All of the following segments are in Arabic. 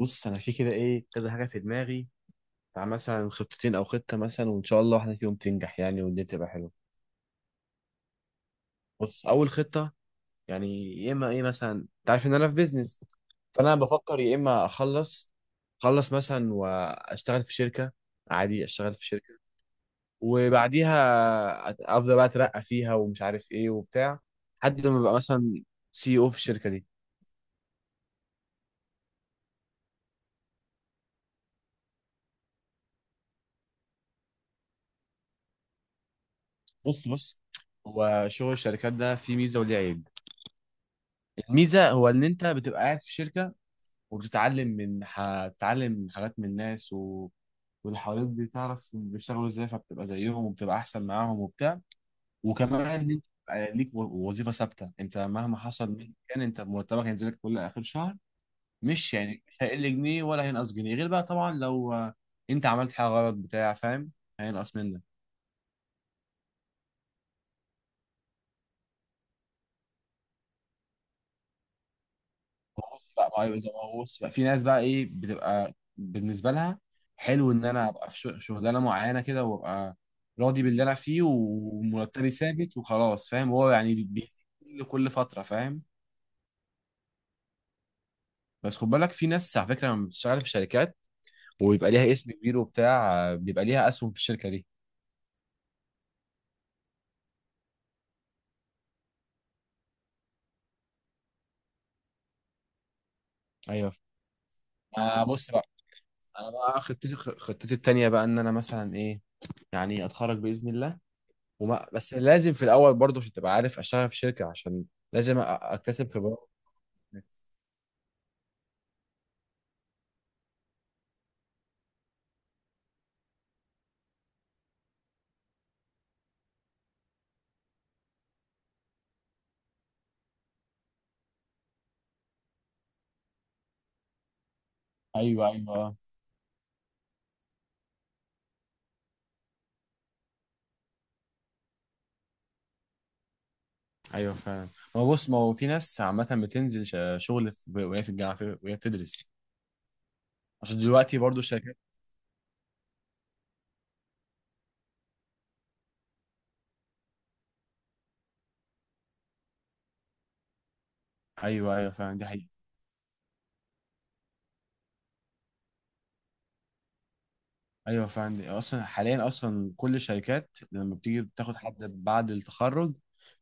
بص، انا في كده ايه كذا حاجه في دماغي، بتاع مثلا خطتين او خطه، مثلا وان شاء الله واحده فيهم تنجح يعني والدنيا تبقى حلوه. بص، اول خطه، يعني يا اما ايه مثلا انت عارف ان انا في بيزنس. فانا بفكر يا اما اخلص مثلا واشتغل في شركه، عادي اشتغل في شركه، وبعديها افضل بقى اترقى فيها ومش عارف ايه وبتاع، لحد ما ابقى مثلا سي او في الشركه دي. بص، هو شغل الشركات ده فيه ميزه وليه عيب. الميزه هو ان انت بتبقى قاعد في شركه وبتتعلم، هتتعلم من حاجات من الناس و. واللي حواليك بتعرف بيشتغلوا ازاي فبتبقى زيهم وبتبقى احسن معاهم وبتاع. وكمان ان انت بقى ليك وظيفه ثابته، انت مهما حصل مهما كان انت مرتبك هينزل لك كل اخر شهر. مش يعني مش هيقل جنيه ولا هينقص جنيه، غير بقى طبعا لو انت عملت حاجه غلط بتاع فاهم، هينقص منك. هو بص بقى، ما هو زي ما هو، بص بقى في ناس بقى ايه بتبقى بالنسبه لها حلو ان انا ابقى في شغلانه معينه كده، وابقى راضي باللي انا فيه ومرتبي ثابت وخلاص فاهم، هو يعني كل فتره فاهم. بس خد بالك، في ناس على فكره لما بتشتغل في شركات وبيبقى ليها اسم كبير وبتاع، بيبقى ليها اسهم في الشركه دي. ايوه، بص بقى، انا بقى خطتي التانيه بقى، ان انا مثلا ايه، يعني اتخرج باذن الله. وما بس لازم في الاول برضه عشان تبقى عارف، اشتغل في شركه عشان لازم اكتسب خبرات. ايوه ايوه آه. ايوه فعلا، ما هو بص، ما هو في ناس عامه بتنزل شغل وهي في الجامعه، وهي بتدرس، عشان دلوقتي برضه الشركات. ايوه ايوه فعلا، دي حقيقه. ايوه فعلا، اصلا حاليا اصلا كل الشركات لما بتيجي بتاخد حد بعد التخرج،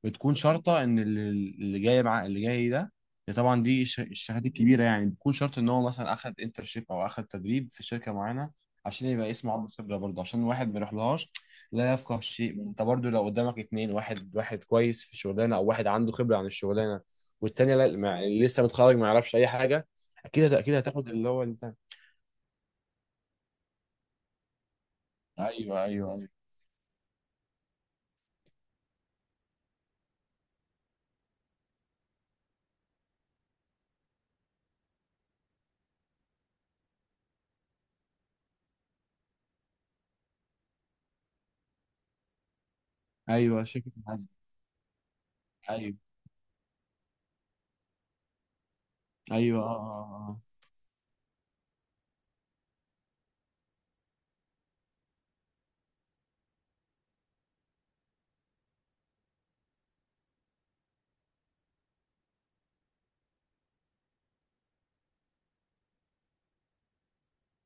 بتكون شرطه ان اللي جاي مع اللي جاي ده، طبعا دي الشهادات الكبيره، يعني بتكون شرط ان هو مثلا اخد انترشيب او اخد تدريب في شركه معينه، عشان يبقى اسمه عنده خبره برضه، عشان واحد ما يروحلهاش لا يفقه شيء. انت برضه لو قدامك اتنين، واحد كويس في الشغلانه او واحد عنده خبره عن الشغلانه، والتاني لا، لسه متخرج ما يعرفش اي حاجه، اكيد اكيد هتاخد اللي هو انت. ايوه ايوه ايوه. ايوه شركه. ايوه ايوه اه اه اه.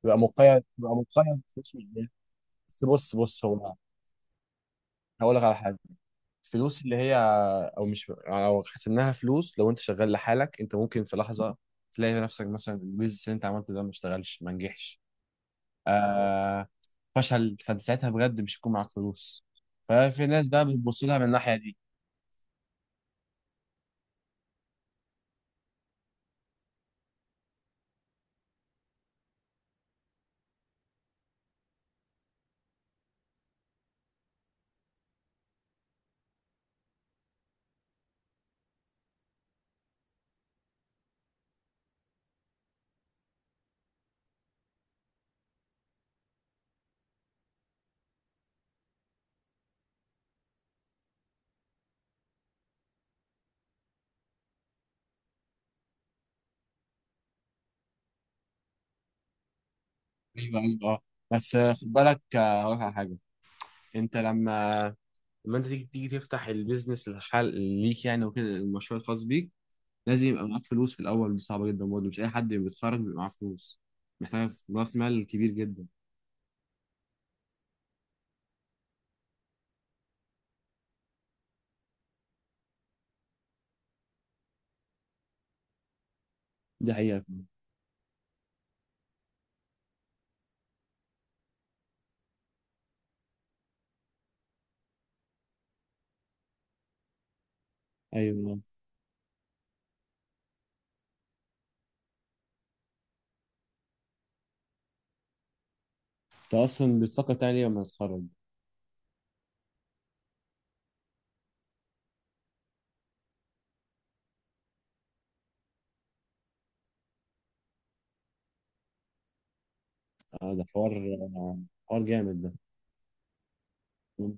بيبقى مقيد، بيبقى مقيد بفلوس من الناس. بس بص هو، هقول لك على حاجه. الفلوس اللي هي، او مش يعني لو حسبناها فلوس، لو انت شغال لحالك، انت ممكن في لحظه تلاقي نفسك مثلا البيزنس اللي انت عملته ده ما اشتغلش ما نجحش، آه فشل، فانت ساعتها بجد مش هيكون معاك فلوس، ففي ناس بقى بتبص لها من الناحيه دي. ايوه ايوه اه. بس خد بالك، هقول لك على حاجه. انت لما انت تيجي تفتح البيزنس الحال ليك يعني وكده، المشروع الخاص بيك لازم يبقى معاك فلوس في الاول، دي صعبه جدا برضه، مش اي حد بيتخرج بيبقى معاه فلوس، محتاج راس مال كبير جدا. دي حقيقة. أيوة. أنت أصلا بتفكر تاني لما تتخرج؟ ده حوار، آه، حوار جامد ده. مم.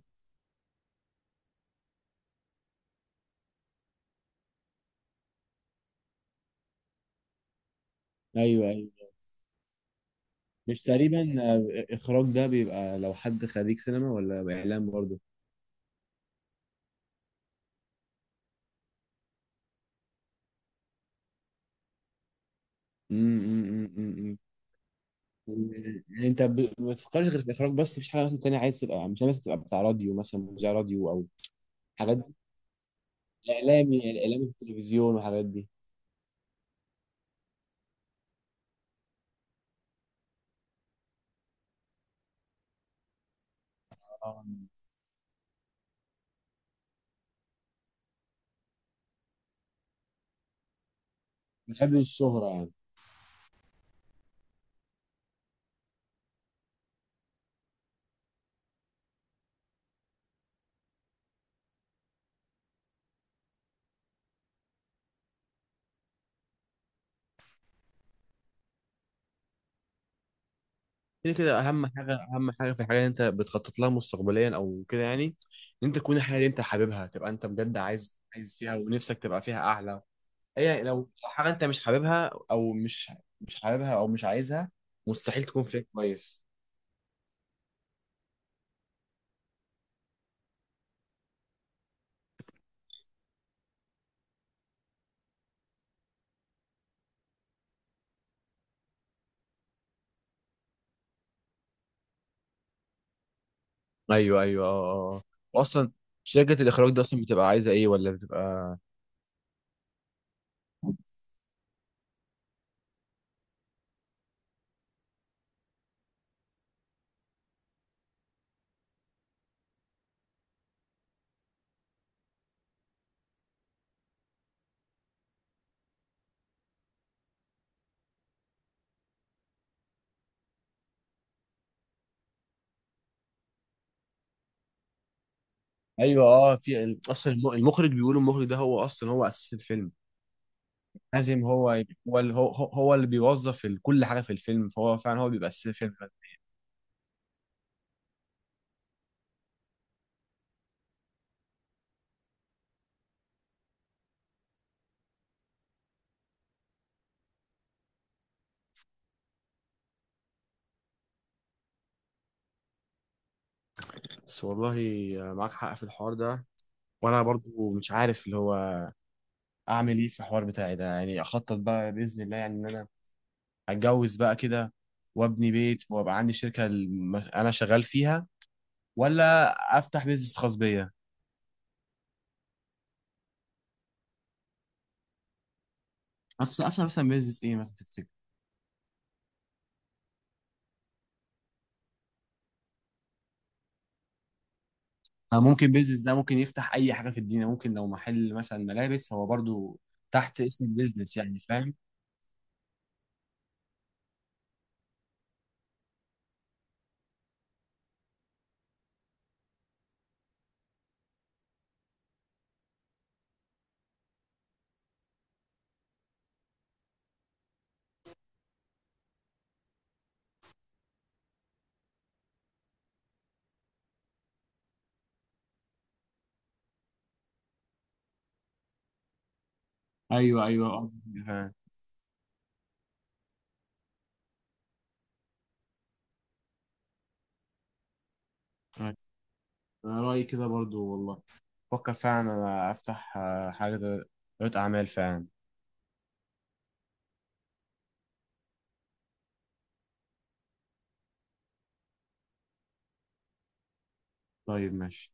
أيوة أيوة. مش تقريبا إخراج ده بيبقى لو حد خريج سينما ولا إعلام برضه؟ أمم، أمم، أمم، أمم. يعني أنت ما بتفكرش غير في الإخراج بس؟ مفيش حاجة مثلا تانية عايز تبقى، مش عايز تبقى بتاع راديو مثلا، مذيع راديو أو حاجات دي، إعلامي في التلفزيون والحاجات دي؟ آه. بحب الشهرة يعني. كده كده اهم حاجه، اهم حاجه في الحاجه اللي انت بتخطط لها مستقبليا او كده يعني، ان انت تكون الحاجه اللي انت حاببها تبقى انت بجد عايز فيها، ونفسك تبقى فيها اعلى. هي لو حاجه انت مش حاببها، او مش حاببها، او مش عايزها، مستحيل تكون فيها كويس. ايوه ايوه اه اه. واصلا شركه الاخراج دي اصلا بتبقى عايزه ايه، ولا بتبقى؟ ايوه اه، في اصلا المخرج، بيقولوا المخرج ده هو اصلا هو اساس الفيلم، لازم هو اللي بيوظف كل حاجه في الفيلم، فهو فعلا هو بيبقى اساس الفيلم. بس والله معاك حق في الحوار ده، وانا برضو مش عارف اللي هو اعمل ايه في الحوار بتاعي ده، يعني اخطط بقى باذن الله يعني ان انا اتجوز بقى كده وابني بيت، وابقى عندي شركه انا شغال فيها، ولا افتح بيزنس خاص بيا. افتح مثلا بيزنس ايه مثلا تفتكر؟ ممكن بيزنس ده ممكن يفتح اي حاجه في الدنيا، ممكن لو محل مثلا ملابس هو برضو تحت اسم البيزنس يعني فاهم. ايوه ايوه آه. أيوة. أنا رأيي كده برضو والله، فكر فعلا أنا أفتح حاجة ريادة أعمال فعلا. طيب ماشي.